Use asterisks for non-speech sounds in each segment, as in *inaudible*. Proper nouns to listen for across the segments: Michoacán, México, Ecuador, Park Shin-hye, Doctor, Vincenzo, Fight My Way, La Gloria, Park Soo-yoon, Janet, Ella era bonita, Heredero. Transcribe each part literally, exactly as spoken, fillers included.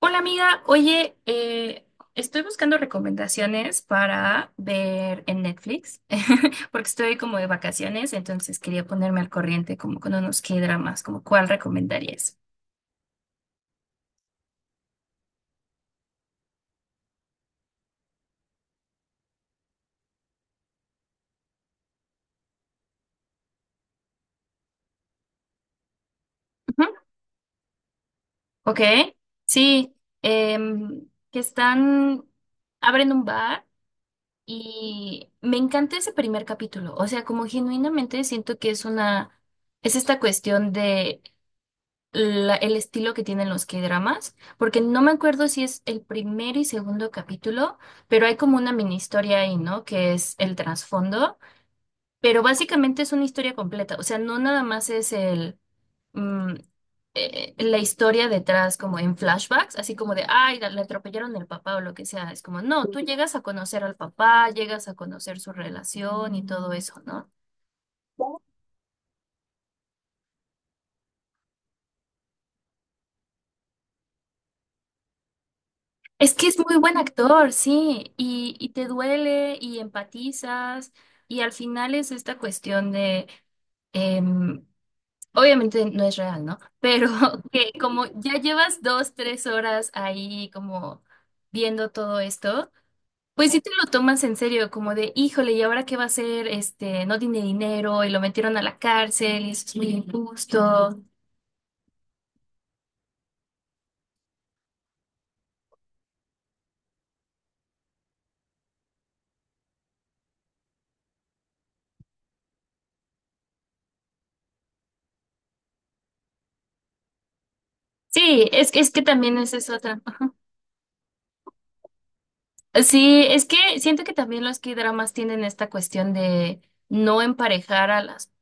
Hola amiga, oye, eh, estoy buscando recomendaciones para ver en Netflix, *laughs* porque estoy como de vacaciones, entonces quería ponerme al corriente como con unos K-dramas, como cuál recomendarías. Ujú. Ok, sí, em, que están, abren un bar y me encanta ese primer capítulo, o sea, como genuinamente siento que es una, es esta cuestión de la- el estilo que tienen los K-dramas, porque no me acuerdo si es el primer y segundo capítulo, pero hay como una mini historia ahí, ¿no? Que es el trasfondo, pero básicamente es una historia completa, o sea, no nada más es el mm, eh, la historia detrás como en flashbacks, así como de, ay, la- le atropellaron el papá o lo que sea, es como, no, tú llegas a conocer al papá, llegas a conocer su relación y todo eso, ¿no? Es que es muy buen actor, sí, y, y te duele y empatizas y al final es esta cuestión de, em, obviamente no es real, ¿no? Pero *laughs* que como ya llevas dos, tres horas ahí como viendo todo esto, pues sí te lo tomas en serio, como de, híjole, ¿y ahora qué va a hacer? Este, no tiene dinero y lo metieron a la cárcel y eso es muy injusto. Sí, es, es que también es eso. Sí, es que siento que también los K-dramas tienen esta cuestión de no emparejar a las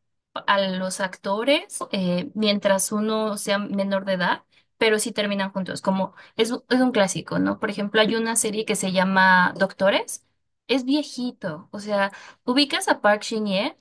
a los actores, eh, mientras uno sea menor de edad, pero sí terminan juntos, como es, un- es un clásico, ¿no? Por ejemplo, hay una serie que se llama Doctores, es viejito, o sea, ubicas a Park Shin-hye.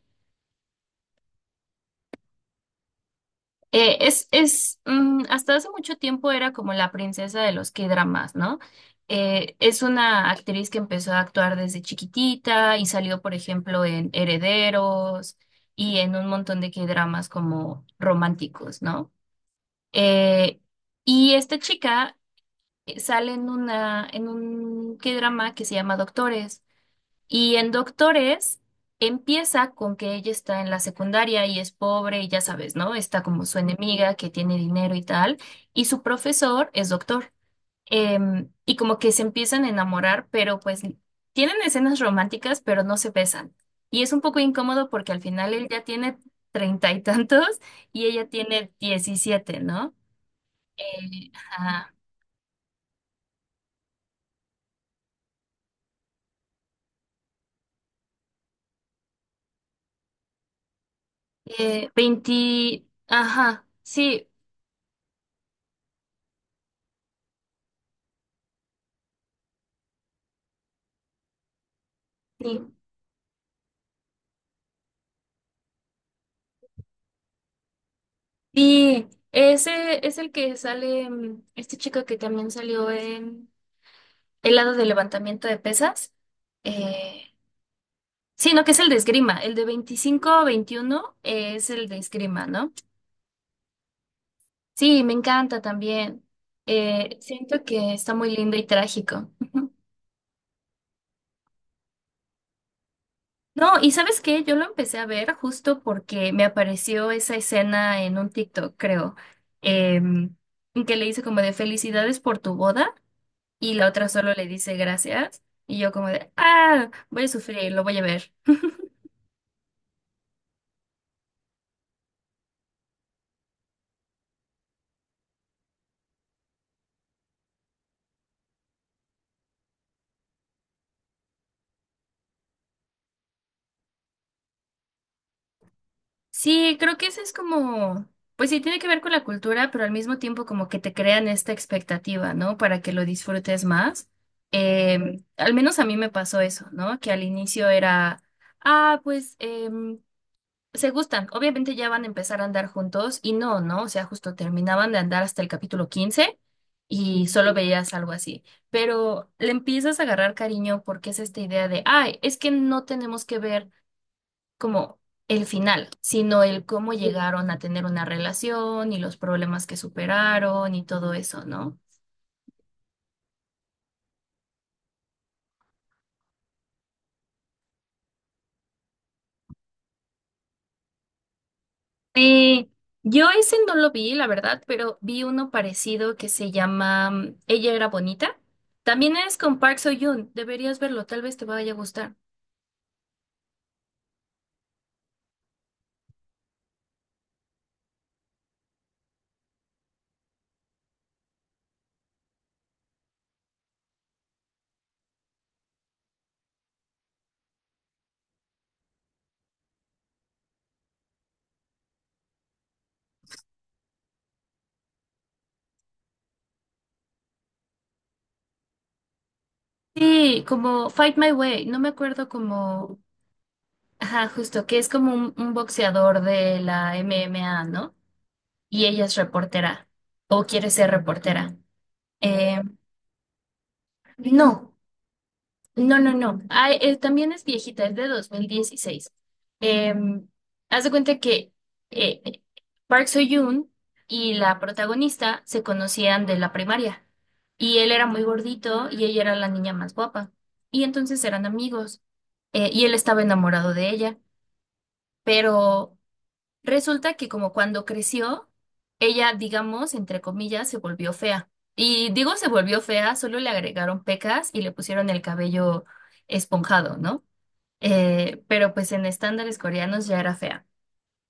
Eh, es, es, mm, hasta hace mucho tiempo era como la princesa de los K-dramas, ¿no? Eh, es una actriz que empezó a actuar desde chiquitita y salió, por ejemplo, en Herederos y en un montón de K-dramas como románticos, ¿no? Eh, y esta chica eh, sale en una, en un K-drama que se llama Doctores. Y en Doctores empieza con que ella está en la secundaria y es pobre y ya sabes, ¿no? Está como su enemiga que tiene dinero y tal, y su profesor es doctor. Em, y como que se empiezan a enamorar, pero pues tienen escenas románticas, pero no se besan. Y es un poco incómodo porque al final él ya tiene treinta y tantos y ella tiene diecisiete, ¿no? Eh, ajá. Eh, veinte, ajá, sí. sí. Sí, ese es el que sale, mm, este chico que también salió en el lado de levantamiento de pesas. Eh, sí, no, que es el de esgrima. El de veinticinco veintiuno es el de esgrima, ¿no? Sí, me encanta también. Eh, siento que está muy lindo y trágico. *laughs* Ujú. No, y ¿sabes qué? Yo lo empecé a ver justo porque me apareció esa escena en un TikTok, creo, em, en que le hice como de felicidades por tu boda. Y la otra solo le dice gracias y yo como de, ah, voy a sufrir, lo voy a ver. Sí, creo que eso es como, pues sí, tiene que ver con la cultura, pero al mismo tiempo como que te crean esta expectativa, ¿no? Para que lo disfrutes más. Eh, al menos a mí me pasó eso, ¿no? Que al inicio era, ah, pues, eh, se gustan, obviamente ya van a empezar a andar juntos y no, ¿no? O sea, justo terminaban de andar hasta el capítulo quince y solo veías algo así, pero le empiezas a agarrar cariño porque es esta idea de, ay, es que no tenemos que ver como el final, sino el cómo llegaron a tener una relación y los problemas que superaron y todo eso, ¿no? Eh, yo ese no lo vi, la verdad, pero vi uno parecido que se llama, mm, Ella era bonita. También es con Park Soo-yoon. Deberías verlo, tal vez te vaya a gustar. Sí, como Fight My Way. No me acuerdo como... Ajá, justo, que es como un, un boxeador de la M M A, ¿no? Y ella es reportera o quiere ser reportera. Eh, no. No, no, no. Ay, eh, también es viejita, es de dos mil dieciséis. Em, Haz de cuenta que eh, eh, Park So-yoon y la protagonista se conocían de la primaria. Y él era muy gordito y ella era la niña más guapa. Y entonces eran amigos, eh, y él estaba enamorado de ella. Pero resulta que como cuando creció, ella, digamos, entre comillas, se volvió fea. Y digo se volvió fea, solo le agregaron pecas y le pusieron el cabello esponjado, ¿no? Eh, pero pues en estándares coreanos ya era fea.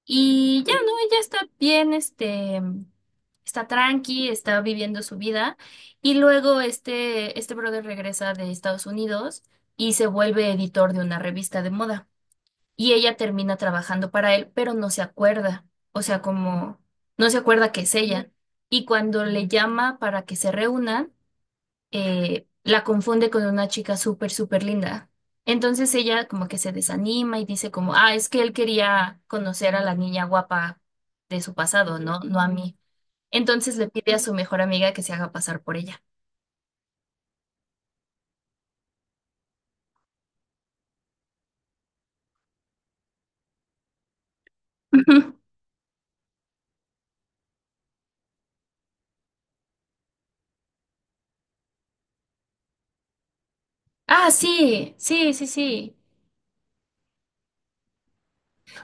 Y ya, ¿no? Ella está bien, este, está tranqui, está viviendo su vida. Y luego este, este brother regresa de Estados Unidos y se vuelve editor de una revista de moda y ella termina trabajando para él, pero no se acuerda, o sea, como no se acuerda que es ella. Y cuando le llama para que se reúnan, eh, la confunde con una chica súper, súper linda. Entonces ella como que se desanima y dice como, ah, es que él quería conocer a la niña guapa de su pasado, ¿no? No a mí. Entonces le pide a su mejor amiga que se haga pasar por ella. Ujú. Ah, sí, sí, sí, sí.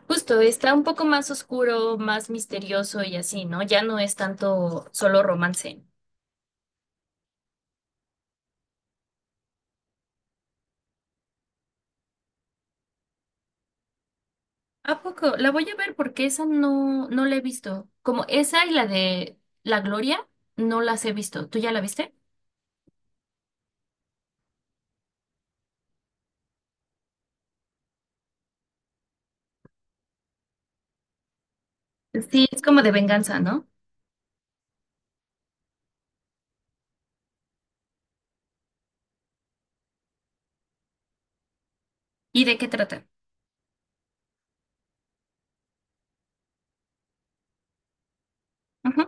Justo, está un poco más oscuro, más misterioso y así, ¿no? Ya no es tanto solo romance. ¿A poco? La voy a ver porque esa no, no la he visto. Como esa y la de La Gloria, no las he visto. ¿Tú ya la viste? Sí, es como de venganza, ¿no? ¿Y de qué trata? Ujú,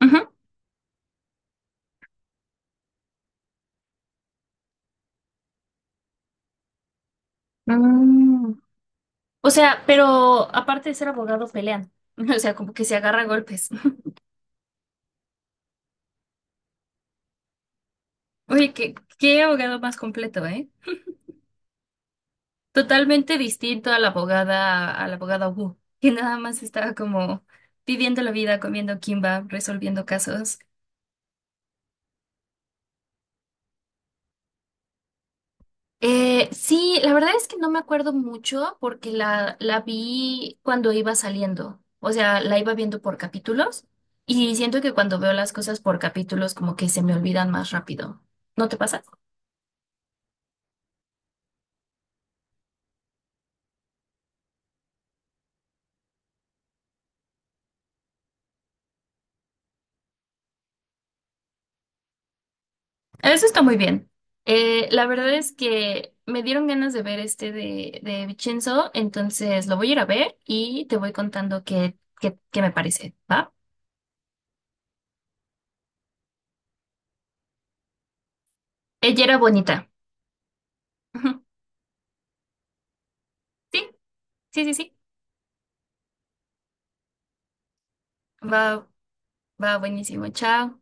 ujú. Mm. O sea, pero aparte de ser abogado, pelean. *laughs* O sea, como que se agarra a golpes. Oye, qué, qué abogado más completo, ¿eh? Totalmente distinto a la abogada, a la abogada Wu, que nada más estaba como viviendo la vida, comiendo kimba, resolviendo casos. Eh, sí, la verdad es que no me acuerdo mucho porque la, la vi cuando iba saliendo, o sea, la iba viendo por capítulos y siento que cuando veo las cosas por capítulos como que se me olvidan más rápido. ¿No te pasa? Eso está muy bien. Eh, la verdad es que me dieron ganas de ver este de, de Vincenzo, entonces lo voy a ir a ver y te voy contando qué, qué, qué me parece, ¿va? Ella era bonita. Ujú. Sí, sí, sí, sí. Va, va buenísimo. Chao.